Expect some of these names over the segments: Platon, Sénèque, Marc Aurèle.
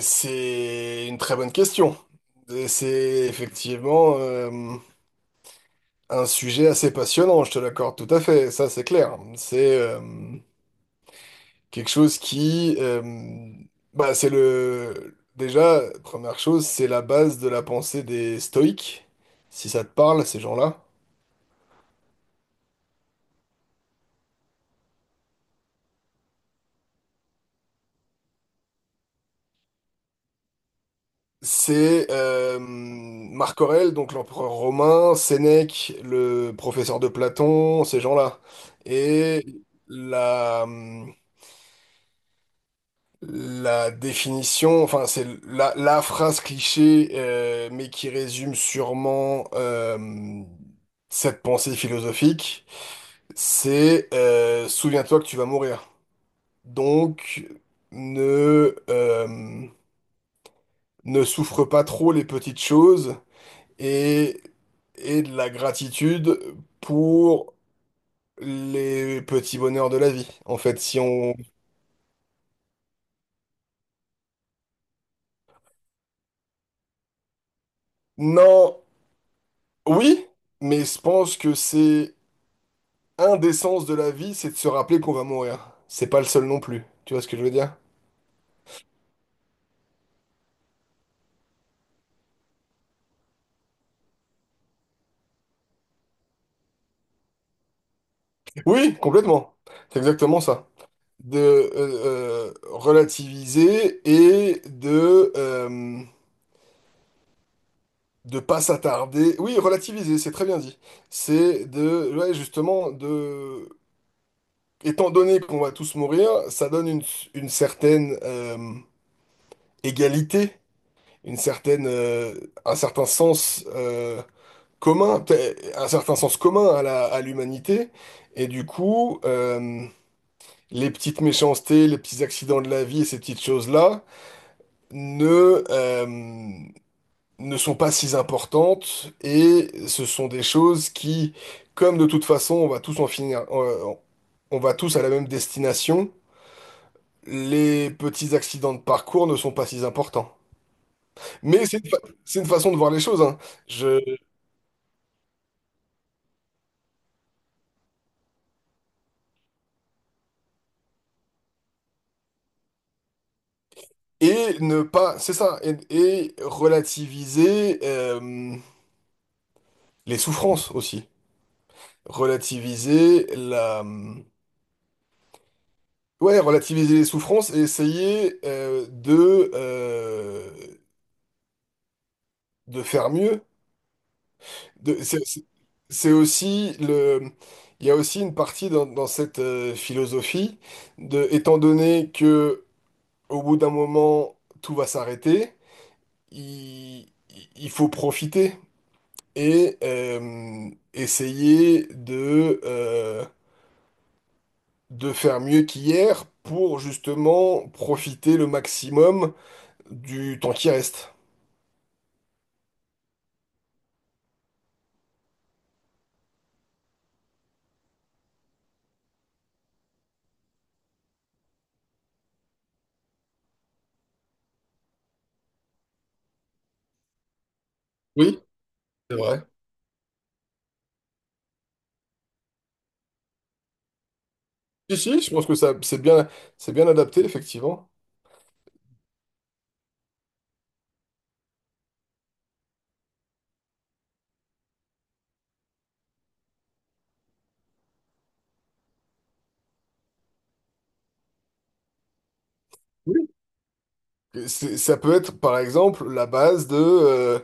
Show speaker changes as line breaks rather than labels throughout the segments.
C'est une très bonne question. Et c'est effectivement un sujet assez passionnant, je te l'accorde tout à fait, ça c'est clair. C'est quelque chose qui... bah, c'est le... Déjà, première chose, c'est la base de la pensée des stoïques, si ça te parle, ces gens-là. C'est Marc Aurèle, donc l'empereur romain, Sénèque, le professeur de Platon, ces gens-là. Et la... La définition, enfin, c'est la phrase cliché, mais qui résume sûrement cette pensée philosophique, c'est souviens-toi que tu vas mourir. Donc, ne, euh, ne souffre pas trop les petites choses et, et de la gratitude pour les petits bonheurs de la vie. En fait, si on... Non, oui, mais je pense que c'est... Un des sens de la vie, c'est de se rappeler qu'on va mourir. C'est pas le seul non plus. Tu vois ce que je veux dire? Oui, complètement. C'est exactement ça. De Relativiser et de pas s'attarder. Oui, relativiser, c'est très bien dit. C'est de ouais, justement de étant donné qu'on va tous mourir, ça donne une certaine égalité, une certaine, un certain sens commun, peut un certain sens commun à à l'humanité. Et du coup, les petites méchancetés, les petits accidents de la vie et ces petites choses-là ne, euh, ne sont pas si importantes. Et ce sont des choses qui, comme de toute façon, on va tous en finir, on va tous à la même destination. Les petits accidents de parcours ne sont pas si importants. Mais c'est c'est une façon de voir les choses, hein. Et ne pas, c'est ça, et relativiser les souffrances aussi. Relativiser la... Ouais, relativiser les souffrances et essayer de, de faire mieux. De, c'est, c'est c'est aussi le... Il y a aussi une partie dans cette philosophie de, étant donné que au bout d'un moment, tout va s'arrêter, il, il faut profiter et essayer de faire mieux qu'hier pour justement profiter le maximum du temps qui reste. Oui, c'est vrai. Si, si, je pense que ça, c'est bien adapté, effectivement. Oui. Ça peut être, par exemple, la base de...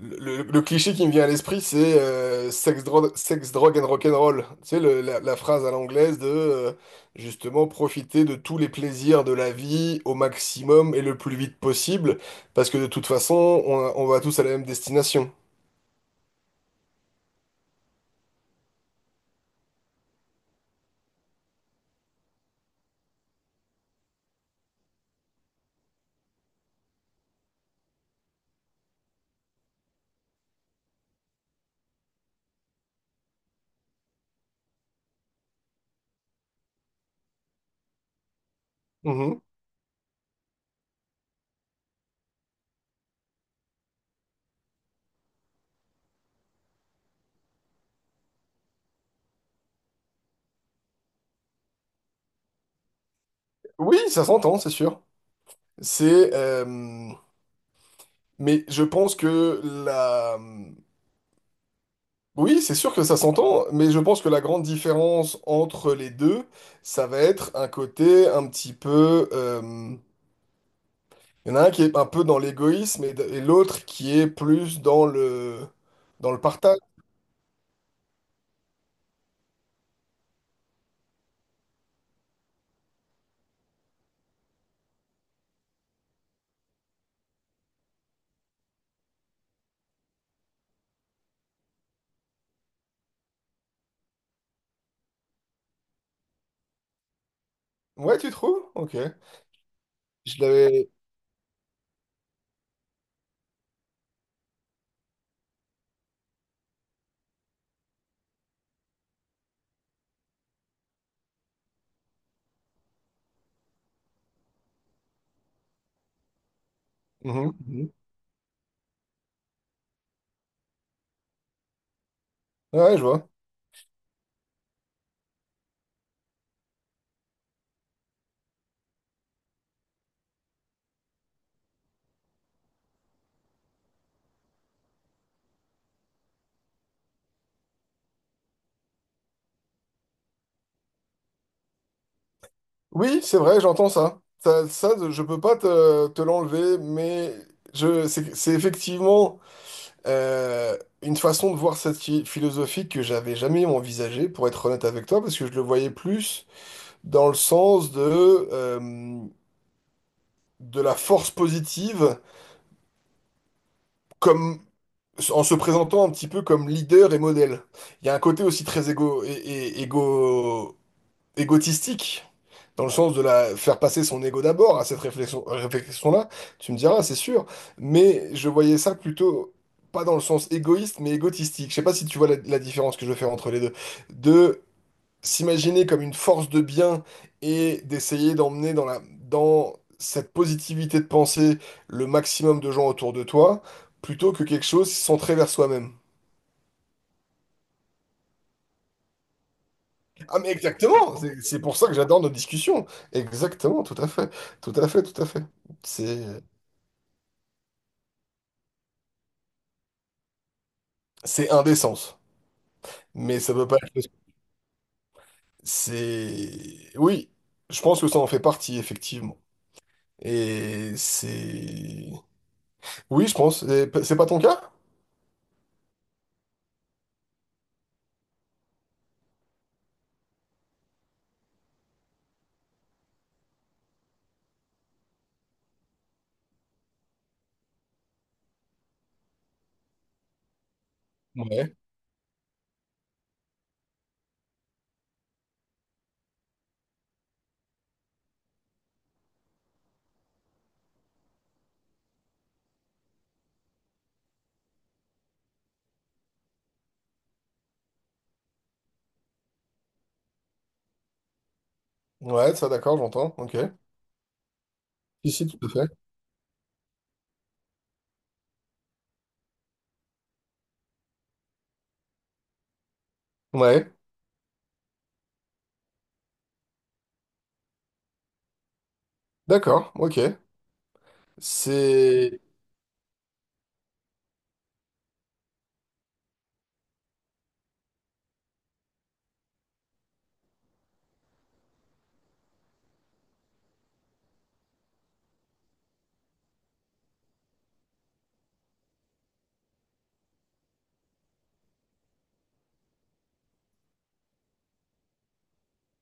Le, le cliché qui me vient à l'esprit, c'est sex, drogue and rock'n'roll. Tu sais, la phrase à l'anglaise de justement profiter de tous les plaisirs de la vie au maximum et le plus vite possible, parce que de toute façon, on va tous à la même destination. Mhm. Oui, ça s'entend, c'est sûr. C'est, mais je pense que la, oui, c'est sûr que ça s'entend, mais je pense que la grande différence entre les deux, ça va être un côté un petit peu. Il y en a un qui est un peu dans l'égoïsme et l'autre qui est plus dans le partage. Ouais, tu trouves? Ok. Je l'avais. Mhm, mhm. Ouais, ouais, je vois. Oui, c'est vrai, j'entends ça. Ça, je peux pas te l'enlever, mais c'est effectivement une façon de voir cette philosophie que j'avais jamais envisagée, pour être honnête avec toi, parce que je le voyais plus dans le sens euh, de la force positive comme en se présentant un petit peu comme leader et modèle. Il y a un côté aussi très égo, égotistique, dans le sens de la faire passer son ego d'abord à cette réflexion-là. Tu me diras, c'est sûr, mais je voyais ça plutôt pas dans le sens égoïste, mais égotistique. Je sais pas si tu vois la différence que je veux faire entre les deux. De s'imaginer comme une force de bien et d'essayer d'emmener dans dans cette positivité de pensée le maximum de gens autour de toi, plutôt que quelque chose centré vers soi-même. Ah mais exactement, c'est pour ça que j'adore nos discussions. Exactement, tout à fait, tout à fait, tout à fait. C'est indécence, mais ça peut pas être. C'est oui, je pense que ça en fait partie effectivement. Et c'est oui, je pense. C'est pas ton cas? Ouais, ouais, ça d'accord, j'entends. Ok. Si si, tout à fait. Ouais, d'accord. Ok. C'est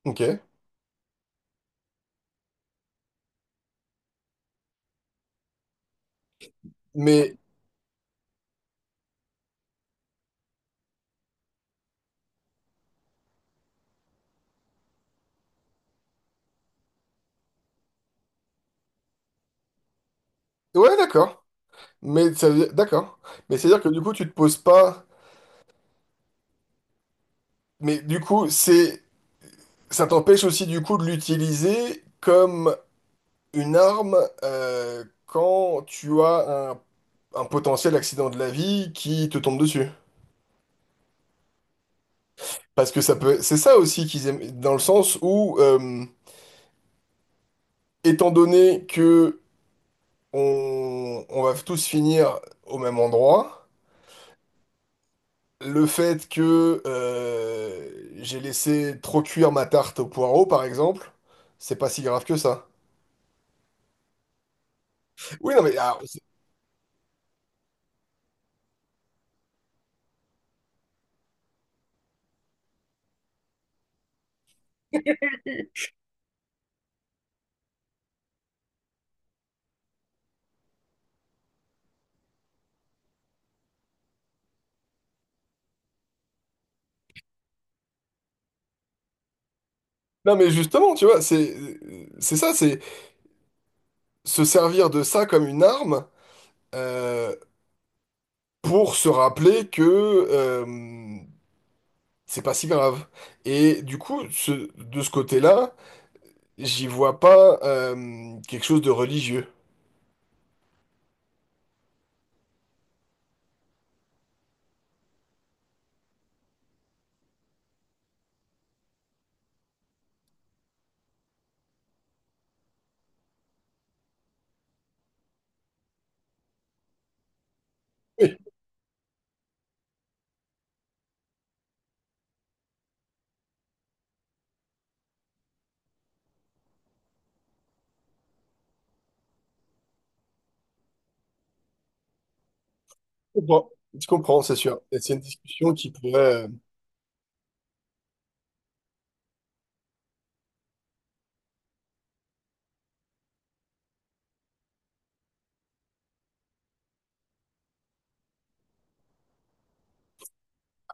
ok. Mais ouais, d'accord. Mais ça veut d'accord. Mais c'est à dire que du coup, tu te poses pas. Mais du coup, c'est ça t'empêche aussi du coup de l'utiliser comme une arme quand tu as un potentiel accident de la vie qui te tombe dessus. Parce que ça peut, c'est ça aussi qu'ils aiment, dans le sens où, étant donné que on va tous finir au même endroit, le fait que j'ai laissé trop cuire ma tarte au poireau, par exemple, c'est pas si grave que ça. Oui, non mais, ah, non mais justement, tu vois, c'est ça, c'est se servir de ça comme une arme euh, pour se rappeler que euh, c'est pas si grave. Et du coup, de ce côté-là, j'y vois pas quelque chose de religieux. Oui, je comprends. Je comprends, c'est sûr. Et C'est une discussion qui pourrait...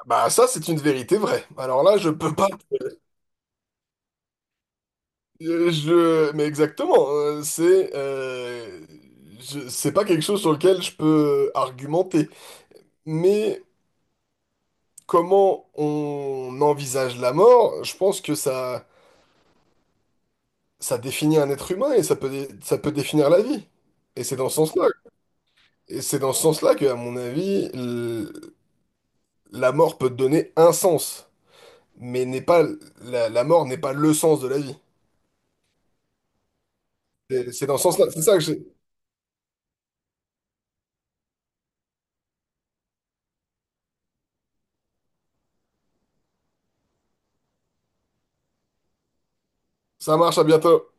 Bah ça, c'est une vérité vraie. Alors là, je peux pas... Mais exactement, c'est... C'est pas quelque chose sur lequel je peux argumenter. Mais comment on envisage la mort, je pense que ça définit un être humain et ça peut, ça peut définir la vie. Et c'est dans ce sens-là, et c'est dans ce sens-là que, à mon avis, la mort peut donner un sens, mais n'est pas la mort n'est pas le sens de la vie. C'est dans ce sens-là. C'est ça que j'ai. Ça marche, à bientôt.